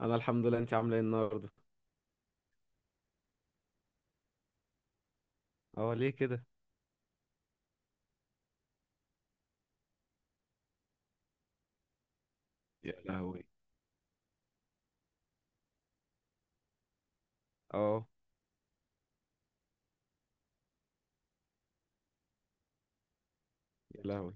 انا الحمد لله. انت عامله ايه النهارده؟ اه، ليه كده؟ يا لهوي. اه، يا لهوي.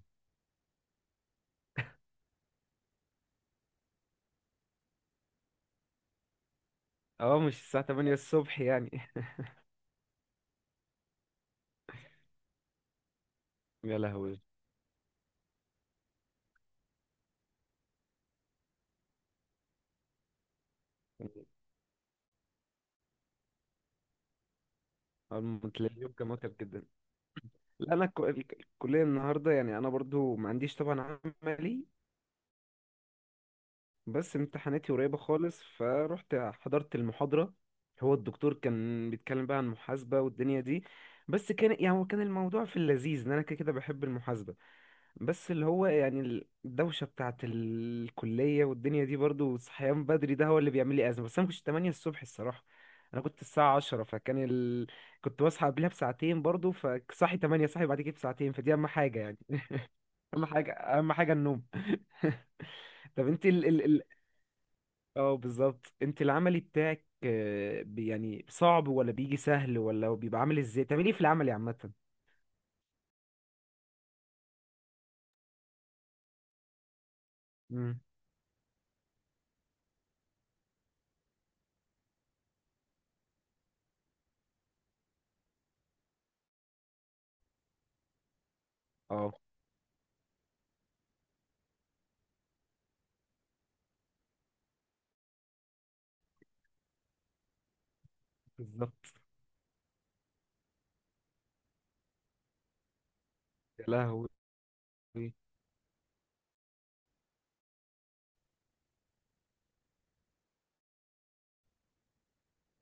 اه، مش الساعه 8 الصبح يعني؟ يا لهوي. تلاقي اليوم كان متعب جدا. لا، انا الكليه النهارده يعني انا برضو ما عنديش طبعا عملي. بس امتحاناتي قريبه خالص، فروحت حضرت المحاضره. هو الدكتور كان بيتكلم بقى عن المحاسبه والدنيا دي. بس كان يعني هو كان الموضوع في اللذيذ ان انا كده كده بحب المحاسبه. بس اللي هو يعني الدوشة بتاعت الكلية والدنيا دي برضو والصحيان بدري ده هو اللي بيعمل لي أزمة. بس أنا مكنتش 8 الصبح الصراحة. أنا كنت الساعة 10، كنت بصحى قبلها بساعتين برضو، فصحي 8 صحي بعد كده بساعتين، فدي أهم حاجة يعني. أهم حاجة، أهم حاجة النوم. طب أنت ال ال ال اه، بالظبط. أنت العملي بتاعك آه، يعني صعب ولا بيجي سهل ولا بيبقى عامل ازاي؟ بتعملي ايه في العملي عامة؟ مم. اه، بالظبط. يا لهوي.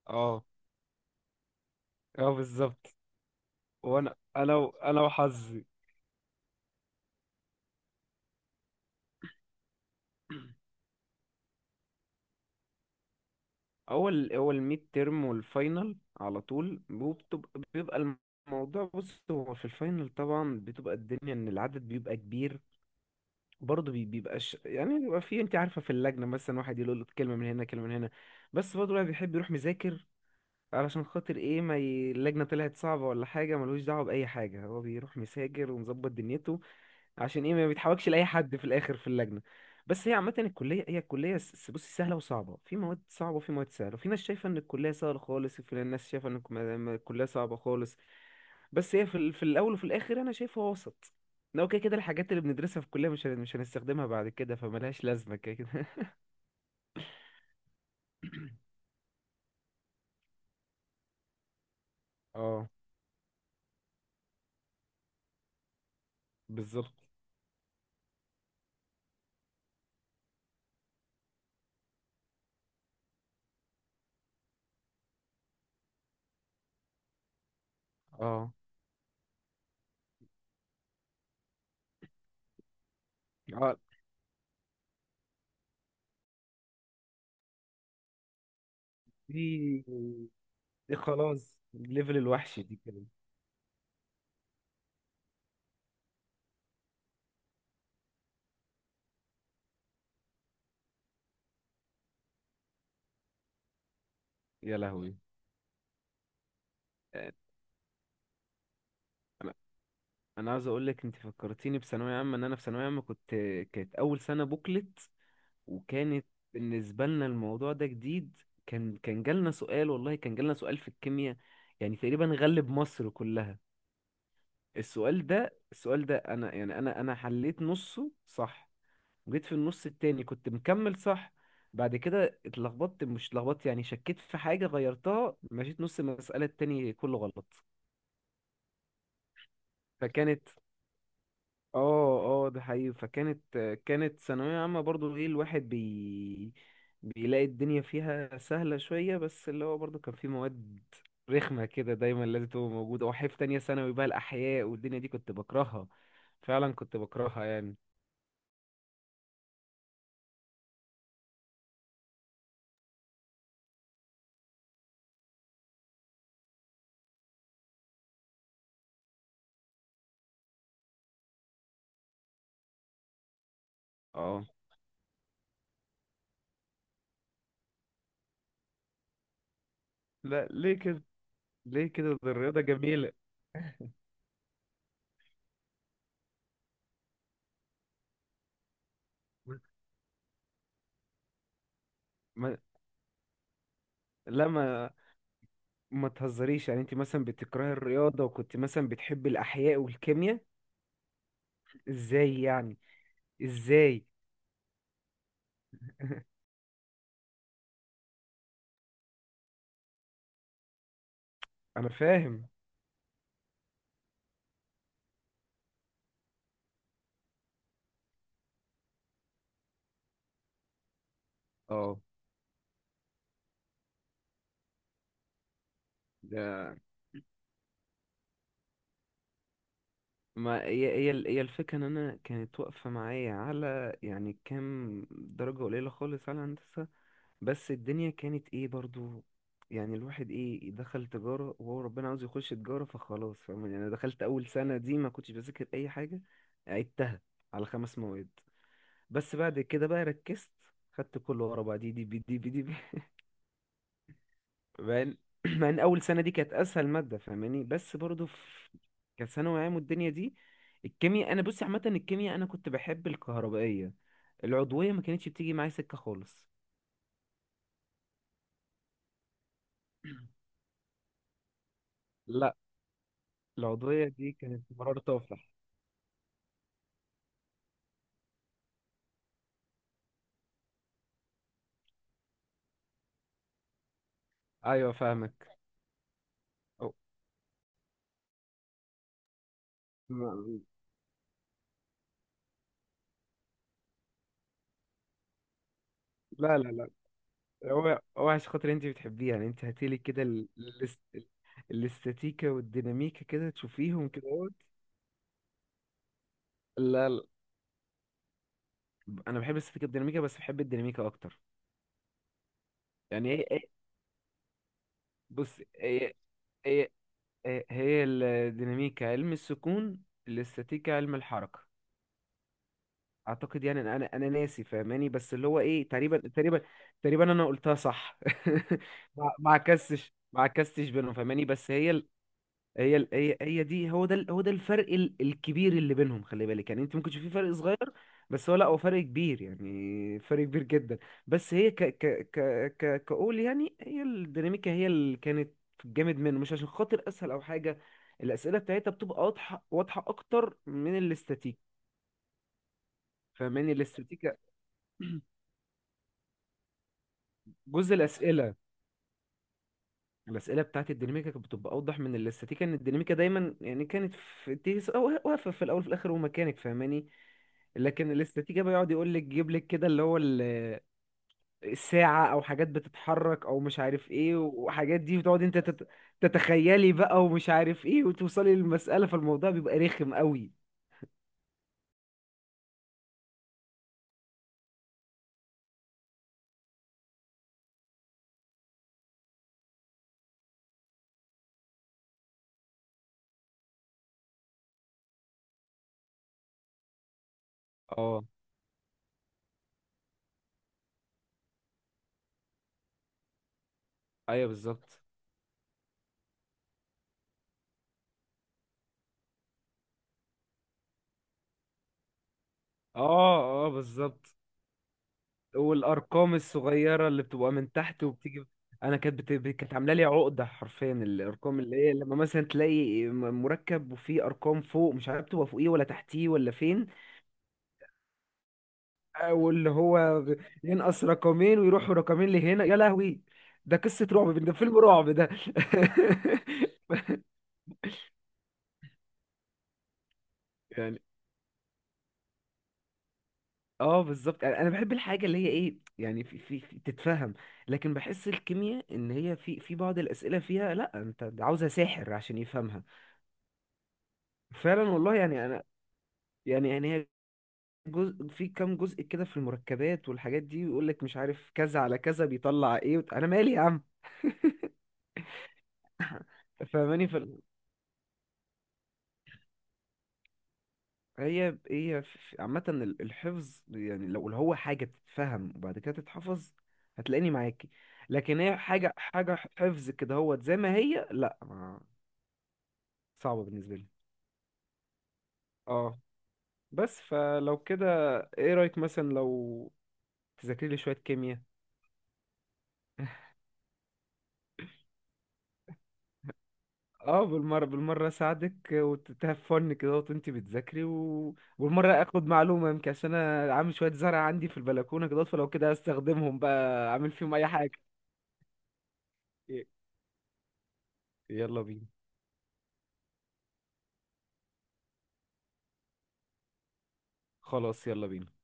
اه، اه، بالظبط. وانا انا وحظي. اول ميد ترم والفاينل على طول، بيبقى الموضوع. بص، هو في الفاينل طبعا بتبقى الدنيا ان العدد بيبقى كبير. برضه بيبقاش يعني، بيبقى في انت عارفه، في اللجنه مثلا واحد يقول له كلمه من هنا، كلمه من هنا. بس برضه الواحد بيحب يروح مذاكر علشان خاطر ايه، ما ي... اللجنه طلعت صعبه ولا حاجه، ملوش دعوه باي حاجه، هو بيروح مذاكر ومظبط دنيته عشان ايه، ما بيتحولكش لاي حد في الاخر في اللجنه. بس هي عامه الكليه، هي الكليه بصي سهله وصعبه. في مواد صعبه وفي مواد سهله، في ناس شايفه ان الكليه سهله خالص، وفي ناس شايفه ان الكليه صعبه خالص. بس هي في، في الاول وفي الاخر انا شايفها وسط. لو كده كده الحاجات اللي بندرسها في الكليه مش هنستخدمها بعد كده، فملهاش لازمه كده كده. اه، بالظبط. اه، اه. دي دي خلاص ليفل الوحش دي كده. يا لهوي. انا عاوز اقول لك، انت فكرتيني بثانويه عامه. ان انا في ثانويه عامه كنت، كانت اول سنه بوكلت، وكانت بالنسبه لنا الموضوع ده جديد. كان جالنا سؤال، والله كان جالنا سؤال في الكيمياء، يعني تقريبا غلب مصر كلها. السؤال ده، السؤال ده انا يعني انا حليت نصه صح، وجيت في النص التاني كنت مكمل صح. بعد كده اتلخبطت، مش اتلخبطت يعني، شكيت في حاجه غيرتها، مشيت نص المساله التاني كله غلط. فكانت، اه، اه، ده حقيقي. فكانت، كانت ثانوية عامة برضو. ايه، الواحد بيلاقي الدنيا فيها سهلة شوية، بس اللي هو برضو كان في مواد رخمة كده دايما لازم تبقى موجودة. وحيف تانية ثانوي بقى الأحياء والدنيا دي كنت بكرهها، فعلا كنت بكرهها يعني. اه، لا، ليه كده؟ ليه كده؟ ده الرياضة جميلة. ما... لا، ما تهزريش يعني. انت مثلا بتكرهي الرياضة وكنت مثلا بتحب الأحياء والكيمياء؟ ازاي يعني؟ ازاي؟ انا فاهم، اه. ما هي، هي الفكرة ان انا كانت واقفة معايا على يعني كام درجة قليلة خالص على هندسة. بس الدنيا كانت ايه برضو، يعني الواحد ايه دخل تجارة، وهو ربنا عاوز يخش تجارة فخلاص، فاهم يعني؟ انا دخلت اول سنة دي ما كنتش بذاكر اي حاجة، عدتها على خمس مواد. بس بعد كده بقى ركزت، خدت كله ورا بعض، دي دي بي دي بي دي. مع ان مع ان اول سنه دي كانت اسهل ماده، فاهماني؟ بس برضو في كثانوي عام والدنيا دي. الكيمياء، انا بصي عامه الكيمياء انا كنت بحب الكهربائيه. العضويه ما كانتش بتيجي معايا سكه خالص. لا، العضويه دي كانت مرار تفلح. ايوه، فاهمك. أو- ما- لا، لا، لا. هو عشان خاطر انت بتحبيها يعني. انت هاتيلي كده الاستاتيكا والديناميكا كده تشوفيهم كده اهوت. لا، لا، انا بحب الاستاتيكا والديناميكا، بس بحب الديناميكا اكتر. يعني إيه؟ بص، هي هي الديناميكا علم السكون، الاستاتيكا علم الحركة. اعتقد يعني، انا ناسي فاهماني، بس اللي هو ايه، تقريبا، تقريبا، تقريبا انا قلتها صح. ما عكستش بينهم، فاهماني؟ بس هي، هي دي، هو ده، هو ده الفرق الكبير اللي بينهم. خلي بالك يعني، انت ممكن تشوفي فرق صغير، بس هو لا، هو فرق كبير يعني، فرق كبير جدا. بس هي، ك ك ك ك كقول يعني، هي الديناميكا هي اللي كانت جامد منه، مش عشان خاطر اسهل او حاجه. الاسئله بتاعتها بتبقى واضحه، واضحه اكتر من الاستاتيك، فاهماني؟ الاستاتيكا. جزء الاسئله، الاسئله بتاعت الديناميكا كانت بتبقى اوضح من الاستاتيكا، ان الديناميكا دايما يعني كانت في واقفه في الاول في الاخر ومكانك، فاهماني؟ لكن الاستراتيجية بيقعد يقول لك جيب لك كده اللي هو الساعة او حاجات بتتحرك او مش عارف ايه، وحاجات دي بتقعد انت تتخيلي بقى، ومش عارف ايه، وتوصلي للمسألة، فالموضوع بيبقى رخم قوي. اه، ايوه بالظبط. اه، اه، بالظبط. والارقام الصغيره اللي بتبقى من تحت وبتيجي، كانت عامله لي عقده حرفيا. الارقام اللي هي، لما مثلا تلاقي مركب وفيه ارقام فوق، مش عارف تبقى فوقيه ولا تحتيه ولا فين. واللي هو ينقص رقمين ويروحوا رقمين لهنا، يا لهوي. ده قصة رعب ده، فيلم رعب ده. يعني اه، بالظبط. يعني انا بحب الحاجة اللي هي ايه يعني، تتفهم. لكن بحس الكيمياء ان هي في بعض الأسئلة فيها، لا، انت عاوزها ساحر عشان يفهمها. فعلا والله يعني انا، يعني هي جزء، في كام جزء كده في المركبات والحاجات دي، ويقول لك مش عارف كذا على كذا بيطلع ايه، انا مالي يا عم، فاهماني؟ هي عامة الحفظ يعني، لو اللي هو حاجة تتفهم وبعد كده تتحفظ، هتلاقيني معاكي. لكن هي حاجة، حاجة حفظ كده هو زي ما هي، لا، ما صعبة بالنسبة لي. اه. بس فلو كده، ايه رأيك مثلا لو تذاكري لي شوية كيمياء؟ اه، بالمرة بالمرة اساعدك، وتتهفن كده وانت بتذاكري، والمرة اخد معلومة يمكن، عشان انا عامل شوية زرع عندي في البلكونة كده، فلو كده استخدمهم بقى، اعمل فيهم اي حاجة. يلا بينا، خلاص يلا بينا.